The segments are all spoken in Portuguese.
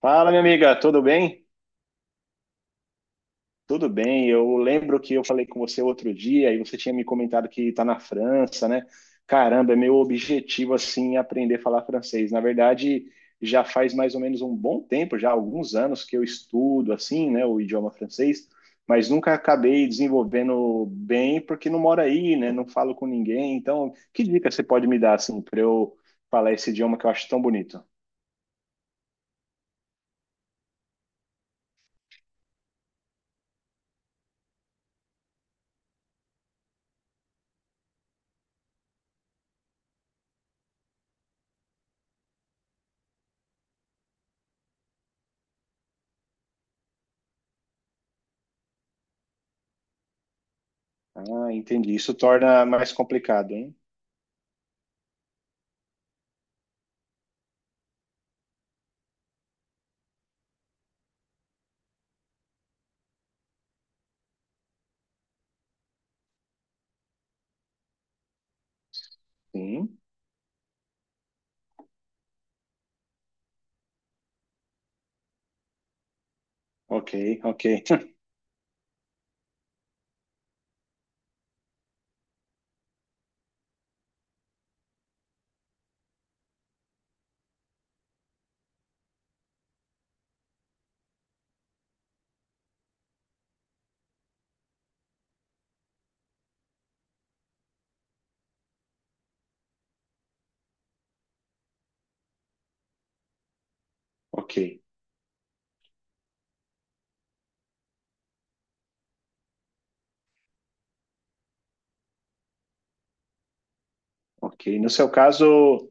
Fala, minha amiga, tudo bem? Tudo bem. Eu lembro que eu falei com você outro dia e você tinha me comentado que está na França, né? Caramba, é meu objetivo assim aprender a falar francês. Na verdade, já faz mais ou menos um bom tempo, já há alguns anos que eu estudo assim, né, o idioma francês, mas nunca acabei desenvolvendo bem porque não moro aí, né? Não falo com ninguém. Então, que dica você pode me dar assim para eu falar esse idioma que eu acho tão bonito? Ah, entendi. Isso torna mais complicado, hein? Sim. Ok, ok, ok, ok. No seu caso,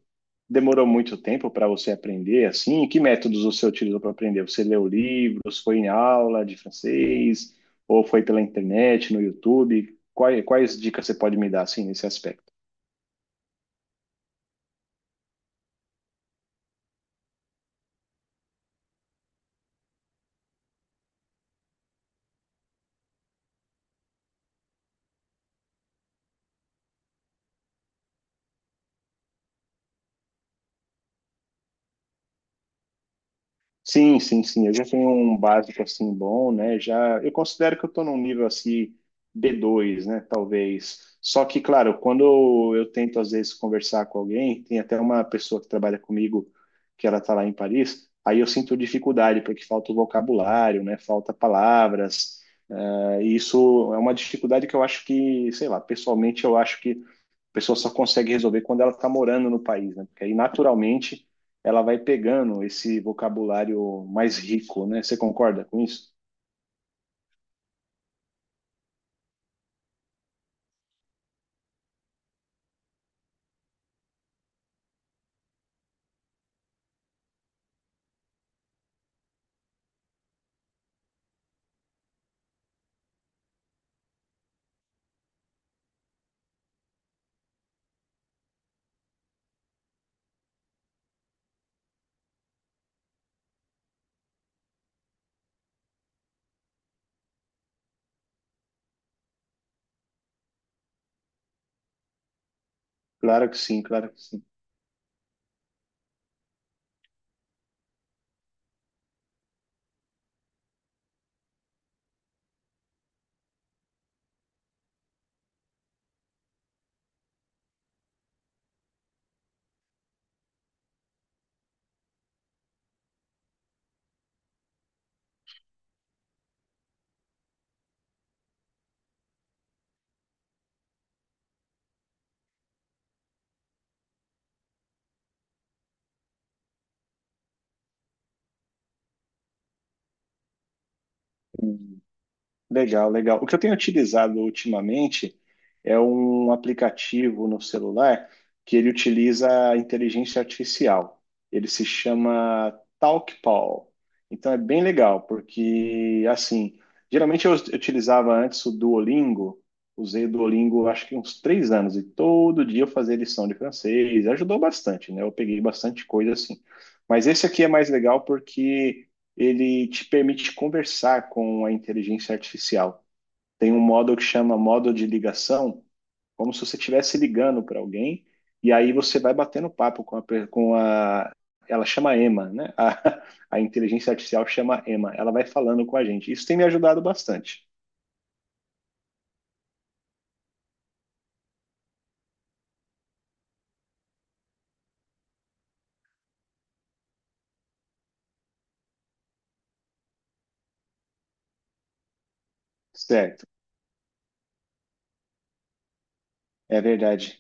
demorou muito tempo para você aprender assim? E que métodos você utilizou para aprender? Você leu livros, foi em aula de francês, ou foi pela internet, no YouTube? Quais dicas você pode me dar assim nesse aspecto? Sim, sim, sim. Eu já tenho um básico assim bom, né? Já eu considero que eu estou num nível assim B2, né? Talvez. Só que, claro, quando eu tento às vezes conversar com alguém, tem até uma pessoa que trabalha comigo que ela está lá em Paris, aí eu sinto dificuldade porque falta o vocabulário, né? Falta palavras. E isso é uma dificuldade que eu acho que, sei lá, pessoalmente eu acho que a pessoa só consegue resolver quando ela está morando no país, né? Porque aí, naturalmente, ela vai pegando esse vocabulário mais rico, né? Você concorda com isso? Claro que sim, claro que sim. Legal, legal. O que eu tenho utilizado ultimamente é um aplicativo no celular que ele utiliza a inteligência artificial. Ele se chama TalkPal. Então é bem legal, porque assim, geralmente eu utilizava antes o Duolingo, usei o Duolingo acho que uns 3 anos, e todo dia eu fazia lição de francês, ajudou bastante, né? Eu peguei bastante coisa assim. Mas esse aqui é mais legal porque ele te permite conversar com a inteligência artificial. Tem um modo que chama modo de ligação, como se você estivesse ligando para alguém, e aí você vai batendo papo com a, com a. Ela chama Emma, né? A inteligência artificial chama Emma. Ela vai falando com a gente. Isso tem me ajudado bastante. Certo, é verdade.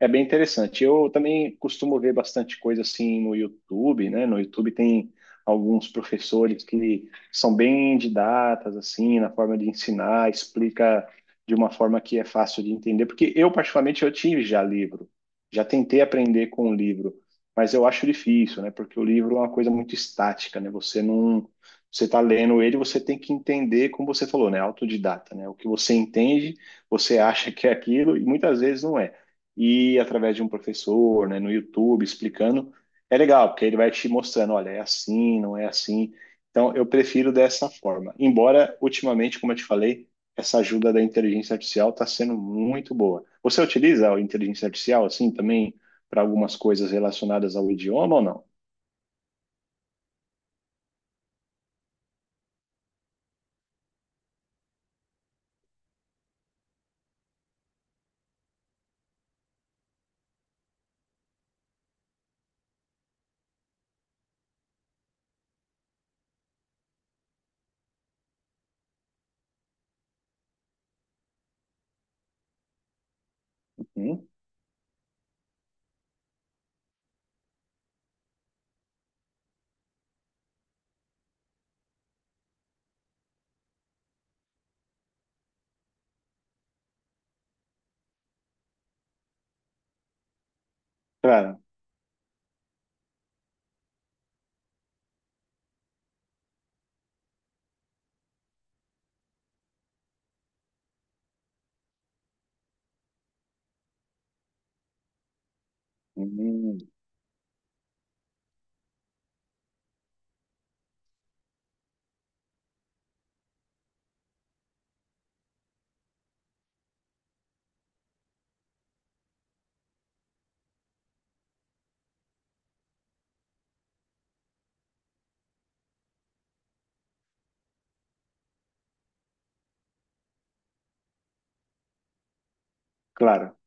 É bem interessante. Eu também costumo ver bastante coisa assim no YouTube, né? No YouTube tem alguns professores que são bem didatas, assim, na forma de ensinar, explica de uma forma que é fácil de entender. Porque eu, particularmente, eu tive já livro, já tentei aprender com o livro, mas eu acho difícil, né? Porque o livro é uma coisa muito estática, né? Você não, você está lendo ele, você tem que entender, como você falou, né? Autodidata, né? O que você entende, você acha que é aquilo e muitas vezes não é e através de um professor, né, no YouTube, explicando, é legal, porque ele vai te mostrando, olha, é assim, não é assim. Então, eu prefiro dessa forma. Embora, ultimamente, como eu te falei, essa ajuda da inteligência artificial está sendo muito boa. Você utiliza a inteligência artificial, assim, também para algumas coisas relacionadas ao idioma ou não? Hum? Claro. Hum, Claro.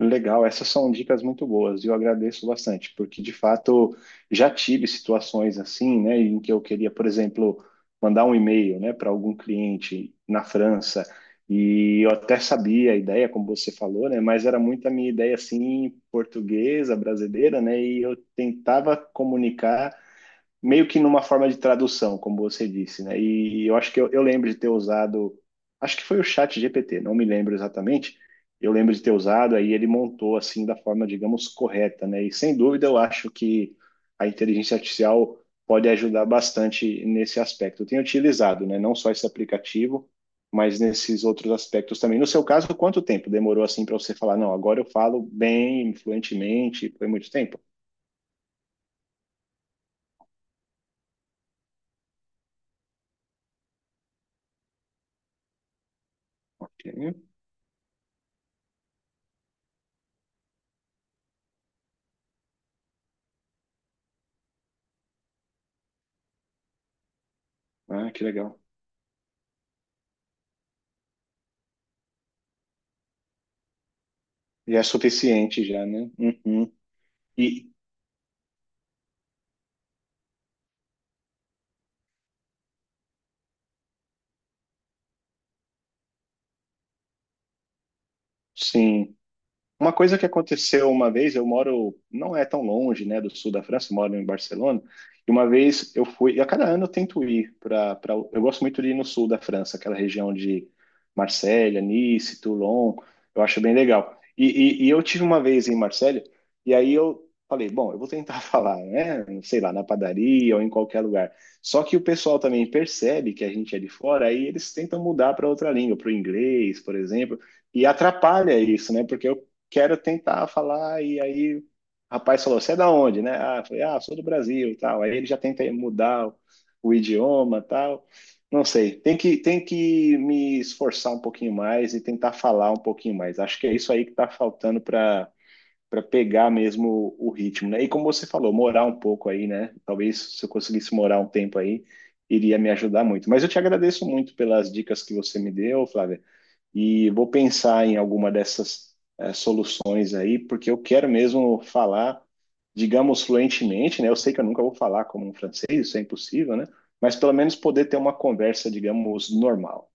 Legal, essas são dicas muito boas e eu agradeço bastante, porque de fato já tive situações assim, né, em que eu queria, por exemplo, mandar um e-mail, né, para algum cliente na França e eu até sabia a ideia, como você falou, né, mas era muito a minha ideia assim portuguesa, brasileira, né, e eu tentava comunicar meio que numa forma de tradução, como você disse, né? E eu acho que eu lembro de ter usado, acho que foi o Chat GPT, não me lembro exatamente. Eu lembro de ter usado, aí ele montou assim da forma, digamos, correta, né? E sem dúvida eu acho que a inteligência artificial pode ajudar bastante nesse aspecto. Eu tenho utilizado, né? Não só esse aplicativo, mas nesses outros aspectos também. No seu caso, quanto tempo demorou assim para você falar, não, agora eu falo bem, fluentemente? Foi muito tempo? Ok. Ah, que legal. Já é suficiente, já, né? Uhum. E sim. Uma coisa que aconteceu uma vez, eu moro, não é tão longe, né, do sul da França, eu moro em Barcelona, e uma vez eu fui, e a cada ano eu tento ir para, eu gosto muito de ir no sul da França, aquela região de Marselha, Nice, Toulon, eu acho bem legal. E eu tive uma vez em Marselha, e aí eu falei, bom, eu vou tentar falar, né, sei lá, na padaria ou em qualquer lugar. Só que o pessoal também percebe que a gente é de fora, aí eles tentam mudar para outra língua, para o inglês, por exemplo, e atrapalha isso, né? Porque eu quero tentar falar, e aí o rapaz falou, você é da onde, né? Ah, eu falei, ah, sou do Brasil, e tal. Aí ele já tenta mudar o, idioma, tal. Não sei, tem que me esforçar um pouquinho mais e tentar falar um pouquinho mais. Acho que é isso aí que está faltando para pegar mesmo o ritmo, né? E como você falou, morar um pouco aí, né? Talvez se eu conseguisse morar um tempo aí, iria me ajudar muito. Mas eu te agradeço muito pelas dicas que você me deu, Flávia, e vou pensar em alguma dessas soluções aí, porque eu quero mesmo falar, digamos, fluentemente, né? Eu sei que eu nunca vou falar como um francês, isso é impossível, né? Mas pelo menos poder ter uma conversa, digamos, normal.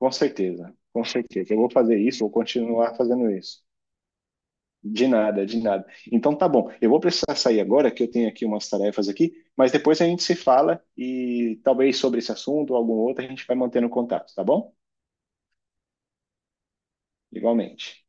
Com certeza, com certeza. Eu vou fazer isso, vou continuar fazendo isso. De nada, de nada. Então tá bom, eu vou precisar sair agora, que eu tenho aqui umas tarefas aqui, mas depois a gente se fala e talvez sobre esse assunto ou algum outro a gente vai mantendo contato, tá bom? Igualmente.